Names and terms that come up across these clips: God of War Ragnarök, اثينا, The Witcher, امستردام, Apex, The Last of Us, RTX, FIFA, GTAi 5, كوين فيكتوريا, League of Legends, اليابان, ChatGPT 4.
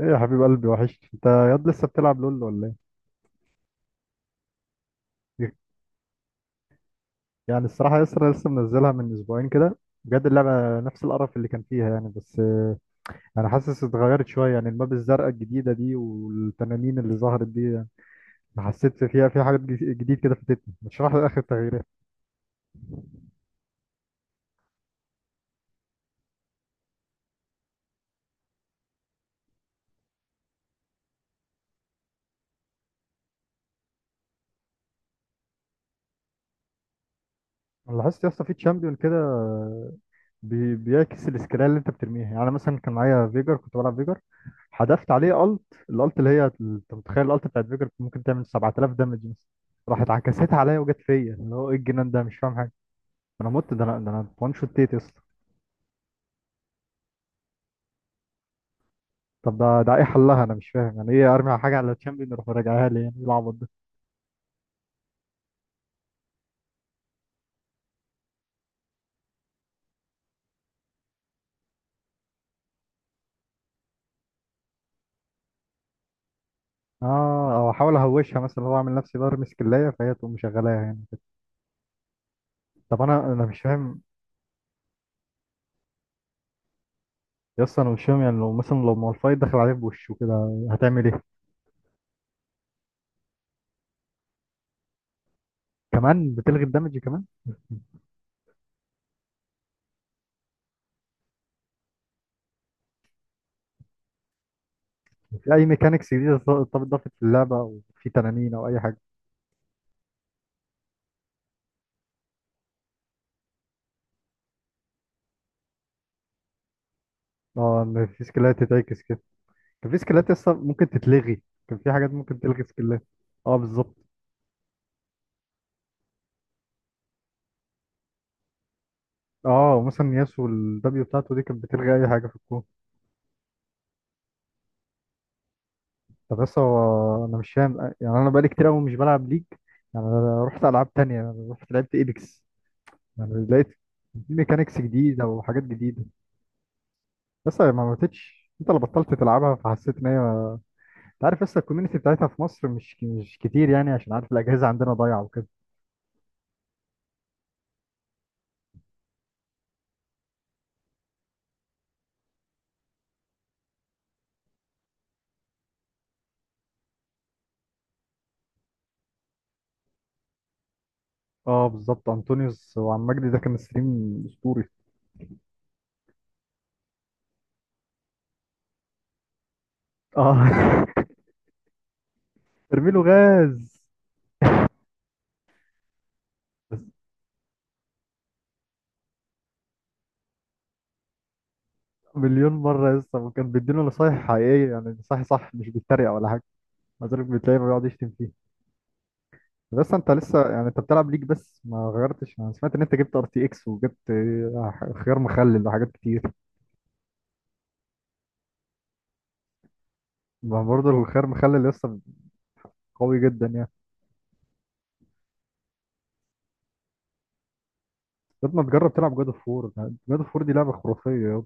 ايه يا حبيب قلبي، وحشت. انت ياد لسه بتلعب لول ولا ايه؟ يعني الصراحه يسرا لسه منزلها من اسبوعين كده. بجد اللعبه نفس القرف اللي كان فيها يعني، بس انا حاسس اتغيرت شويه، يعني الماب الزرقاء الجديده دي والتنانين اللي ظهرت دي يعني. حسيت فيها في حاجات جديد كده فاتتني. ما تشرح لي اخر التغييرات؟ انا لاحظت يا اسطى في تشامبيون كده بيعكس السكيلات اللي انت بترميها. يعني أنا مثلا كان معايا فيجر، كنت بلعب فيجر. حذفت عليه الالت، اللي هي انت متخيل الالت بتاعت فيجر ممكن تعمل 7000 دامج مثلا. راحت عكستها عليا وجت فيا، اللي هو ايه الجنان ده، مش فاهم حاجه. انا مت، ده انا وان شوت تيت يا اسطى. طب ده ايه حلها؟ انا مش فاهم يعني، ايه ارمي حاجه على الشامبيون يروح راجعها لي؟ يعني إيه العبط ده؟ اه، او احاول اهوشها مثلا، هو اعمل نفسي برمي سكلايه فهي تقوم مشغلاها يعني. طب انا مش فاهم، يا اسطى انا مش فاهم. يعني لو مثلا لو مالفايت دخل عليه بوشه كده هتعمل ايه؟ كمان بتلغي الدمج كمان؟ في اي ميكانيكس جديده اتضافت في اللعبه، او في تنانين او اي حاجه؟ اه، ان في سكيلات تتعكس كده. كان في سكيلات اصلا ممكن تتلغي، كان في حاجات ممكن تلغي سكيلات. اه بالظبط. اه مثلا ياسو، الدبليو بتاعته دي كانت بتلغي اي حاجه في الكون. طب بس هو انا مش فاهم، يعني انا بقالي كتير قوي مش بلعب ليج. يعني انا رحت العاب تانية، يعني رحت لعبت ايبكس. يعني لقيت في ميكانيكس جديده وحاجات جديده. بس ما ماتتش، انت اللي بطلت تلعبها فحسيت ان هي. انت عارف لسه الكوميونتي بتاعتها في مصر مش كتير يعني، عشان عارف الاجهزه عندنا ضايعه. اه بالظبط، انطونيوس وعم مجدي ده كان ستريم اسطوري. اه. ترميله غاز. بس مليون مره لسه، وكان بيديله نصايح حقيقيه، يعني نصايح صح مش بيتريق ولا حاجه. مع ذلك بتلاقيه بيقعد يشتم فيه. بس انت لسه يعني انت بتلعب ليك بس ما غيرتش. انا سمعت ان انت جبت ار تي اكس وجبت خيار مخلل وحاجات كتير. ما برضه الخيار مخلل لسه قوي جدا يعني. طب ما تجرب تلعب جاد اوف وور. جاد اوف وور دي لعبه خرافيه يابا.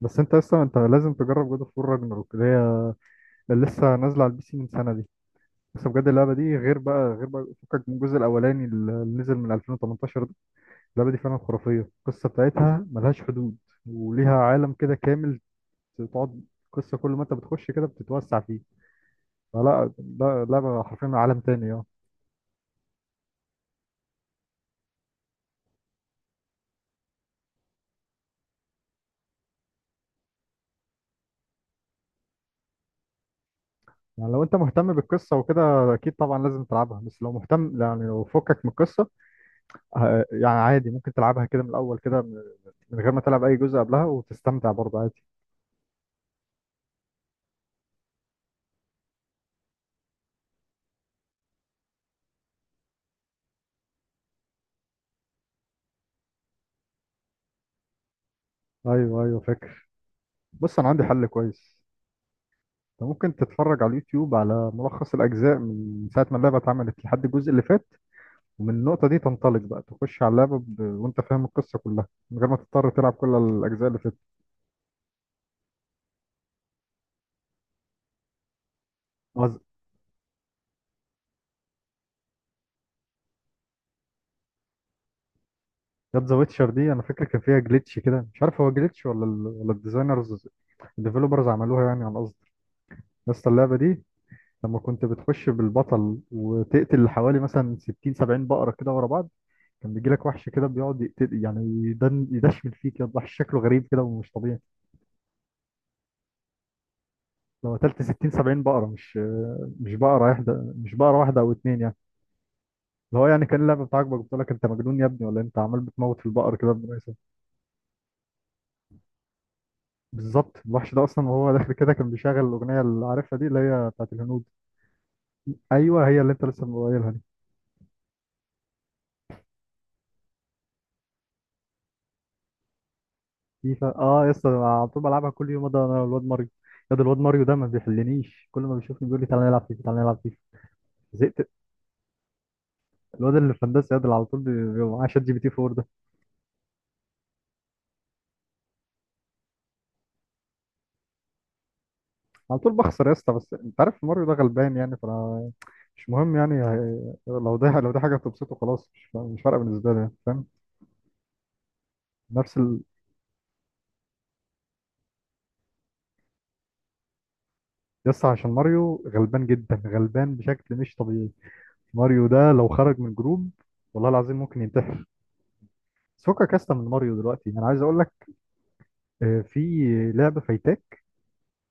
بس انت لسه انت لازم تجرب جاد اوف وور راجناروك، اللي هي اللي لسه نازله على البي سي من سنه دي. بس بجد اللعبة دي غير بقى، غير بقى، فكك من الجزء الأولاني اللي نزل من 2018 ده. اللعبة دي فعلا خرافية، القصة بتاعتها ملهاش حدود، وليها عالم كده كامل تقعد. قصة كل ما انت بتخش كده بتتوسع فيه. فلا، ده لعبة حرفيا عالم تاني. اه، يعني لو انت مهتم بالقصة وكده اكيد طبعا لازم تلعبها. بس لو مهتم يعني لو فكك من القصة يعني عادي ممكن تلعبها كده من الأول كده، من غير ما تلعب أي جزء قبلها وتستمتع برضه عادي. ايوه، ايوه، فاكر. بص انا عندي حل كويس. أنت ممكن تتفرج على اليوتيوب على ملخص الأجزاء من ساعة ما اللعبة اتعملت لحد الجزء اللي فات. ومن النقطة دي تنطلق بقى تخش على اللعبة، وأنت فاهم القصة كلها من غير ما تضطر تلعب كل الأجزاء اللي فاتت. وز- جت ذا ويتشر دي، أنا فاكر كان فيها جليتش كده، مش عارف هو جليتش ولا الديفلوبرز عملوها يعني عن قصد. بس اللعبة دي لما كنت بتخش بالبطل وتقتل حوالي مثلا 60 70 بقرة كده ورا بعض، كان بيجيلك وحش كده بيقعد يقتل، يعني يدشمل فيك، يضح شكله غريب كده ومش طبيعي. لو قتلت 60 70 بقرة، مش بقرة واحدة، مش بقرة واحدة أو اتنين يعني. اللي هو يعني كان اللعبة بتاعك بقول لك أنت مجنون يا ابني ولا إيه؟ أنت عمال بتموت في البقر كده بدون أي سبب. بالظبط، الوحش ده أصلا وهو داخل كده كان بيشغل الأغنية اللي عارفها دي، اللي هي بتاعت الهنود. أيوه، هي اللي أنت لسه قايلها دي. فيفا أه يا اسطى، أنا على طول بلعبها كل يوم، ده أنا والواد ماريو. يا ده الواد ماريو ده ما بيحلنيش، كل ما بيشوفني بيقول لي تعالى نلعب فيفا، تعالى نلعب فيفا. زهقت. الواد اللي في هندسة، يا ده اللي على طول بيبقى معاه شات جي بي تي 4 ده. على طول بخسر يا اسطى، بس أنت عارف ماريو ده غلبان يعني، فأنا مش مهم يعني، لو ده حاجة بتبسطه، خلاص مش فارقة بالنسبة لي يعني، فاهم. نفس ال... يس عشان ماريو غلبان جدا، غلبان بشكل مش طبيعي. ماريو ده لو خرج من جروب والله العظيم ممكن ينتحر. بس فكك يا اسطى من ماريو دلوقتي، انا عايز اقول لك في لعبة فايتاك.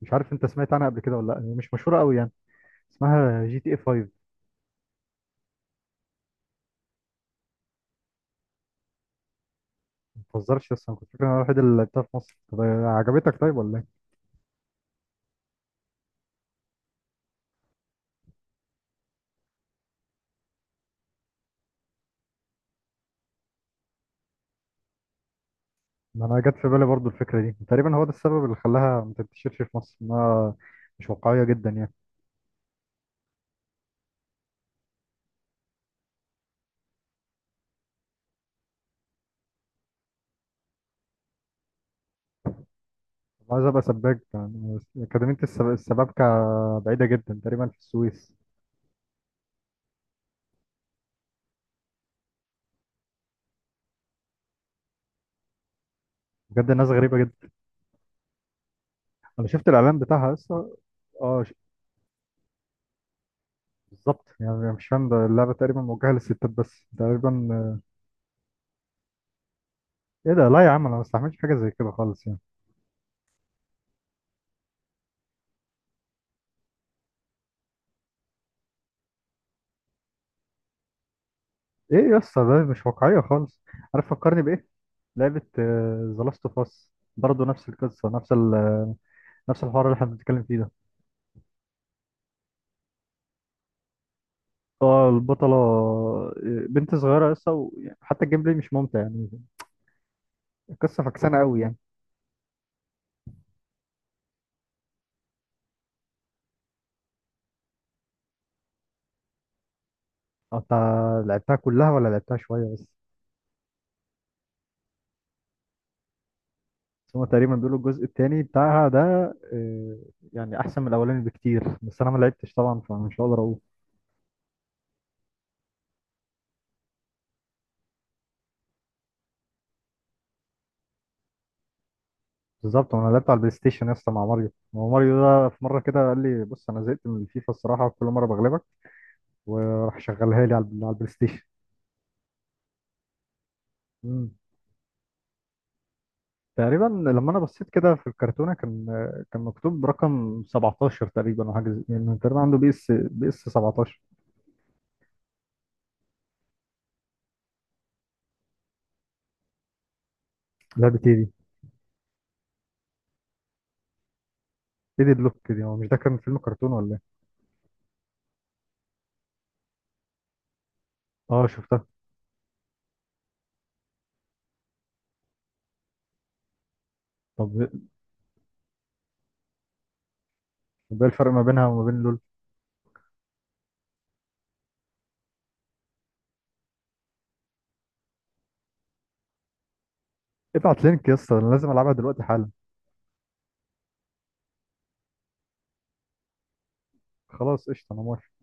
مش عارف انت سمعت عنها قبل كده ولا لا، هي مش مشهورة قوي يعني. اسمها جي تي اي 5. ما تهزرش. يس انا كنت فاكر إن انا الوحيد اللي لعبتها في مصر. طب عجبتك طيب ولا ايه؟ ما انا جت في بالي برضو الفكرة دي تقريبا، هو ده السبب اللي خلاها ما تنتشرش في مصر، انها مش واقعية جدا يعني. طب عايز ابقى سباك، يعني اكاديميه السبابكه بعيده جدا تقريبا في السويس. بجد ناس غريبه جدا. انا شفت الاعلان بتاعها لسه. اه. بالظبط يعني، مش فاهم، ده اللعبه تقريبا موجهه للستات بس تقريبا. ايه ده؟ لا يا عم، انا ما استحملش حاجه زي كده خالص يعني. ايه يا اسطى، ده مش واقعيه خالص. عارف فكرني بايه؟ لعبه ذا لاست اوف اس. برضه نفس القصه، نفس الحوار اللي احنا بنتكلم فيه ده. اه البطله، بنت صغيره لسه. حتى الجيم بلاي مش ممتع يعني، القصه فكسانه قوي يعني. اه، انت لعبتها كلها ولا لعبتها شوية بس؟ بس هما تقريبا بيقولوا الجزء التاني بتاعها ده آه، يعني أحسن من الأولاني بكتير، بس أنا ما لعبتش طبعا فمش هقدر أقول. بالظبط، وأنا لعبت على البلاي ستيشن يا اسطى مع ماريو. هو ماريو ده في مرة كده قال لي، بص أنا زهقت من الفيفا الصراحة كل مرة بغلبك. وراح شغلها لي على البلاي ستيشن. مم. تقريبا لما أنا بصيت كده في الكرتونة كان مكتوب رقم 17 تقريبا أو يعني تقريبا عنده بي اس بي اس 17. لعبة إيه دي؟ إيه دي بلوك دي؟ هو مش ده كان فيلم كرتون ولا إيه؟ اه شفتها. طب طب ايه الفرق ما بينها وما بين لول؟ ابعت لينك يا اسطى، انا لازم العبها دلوقتي حالا. خلاص قشطه، انا موافق.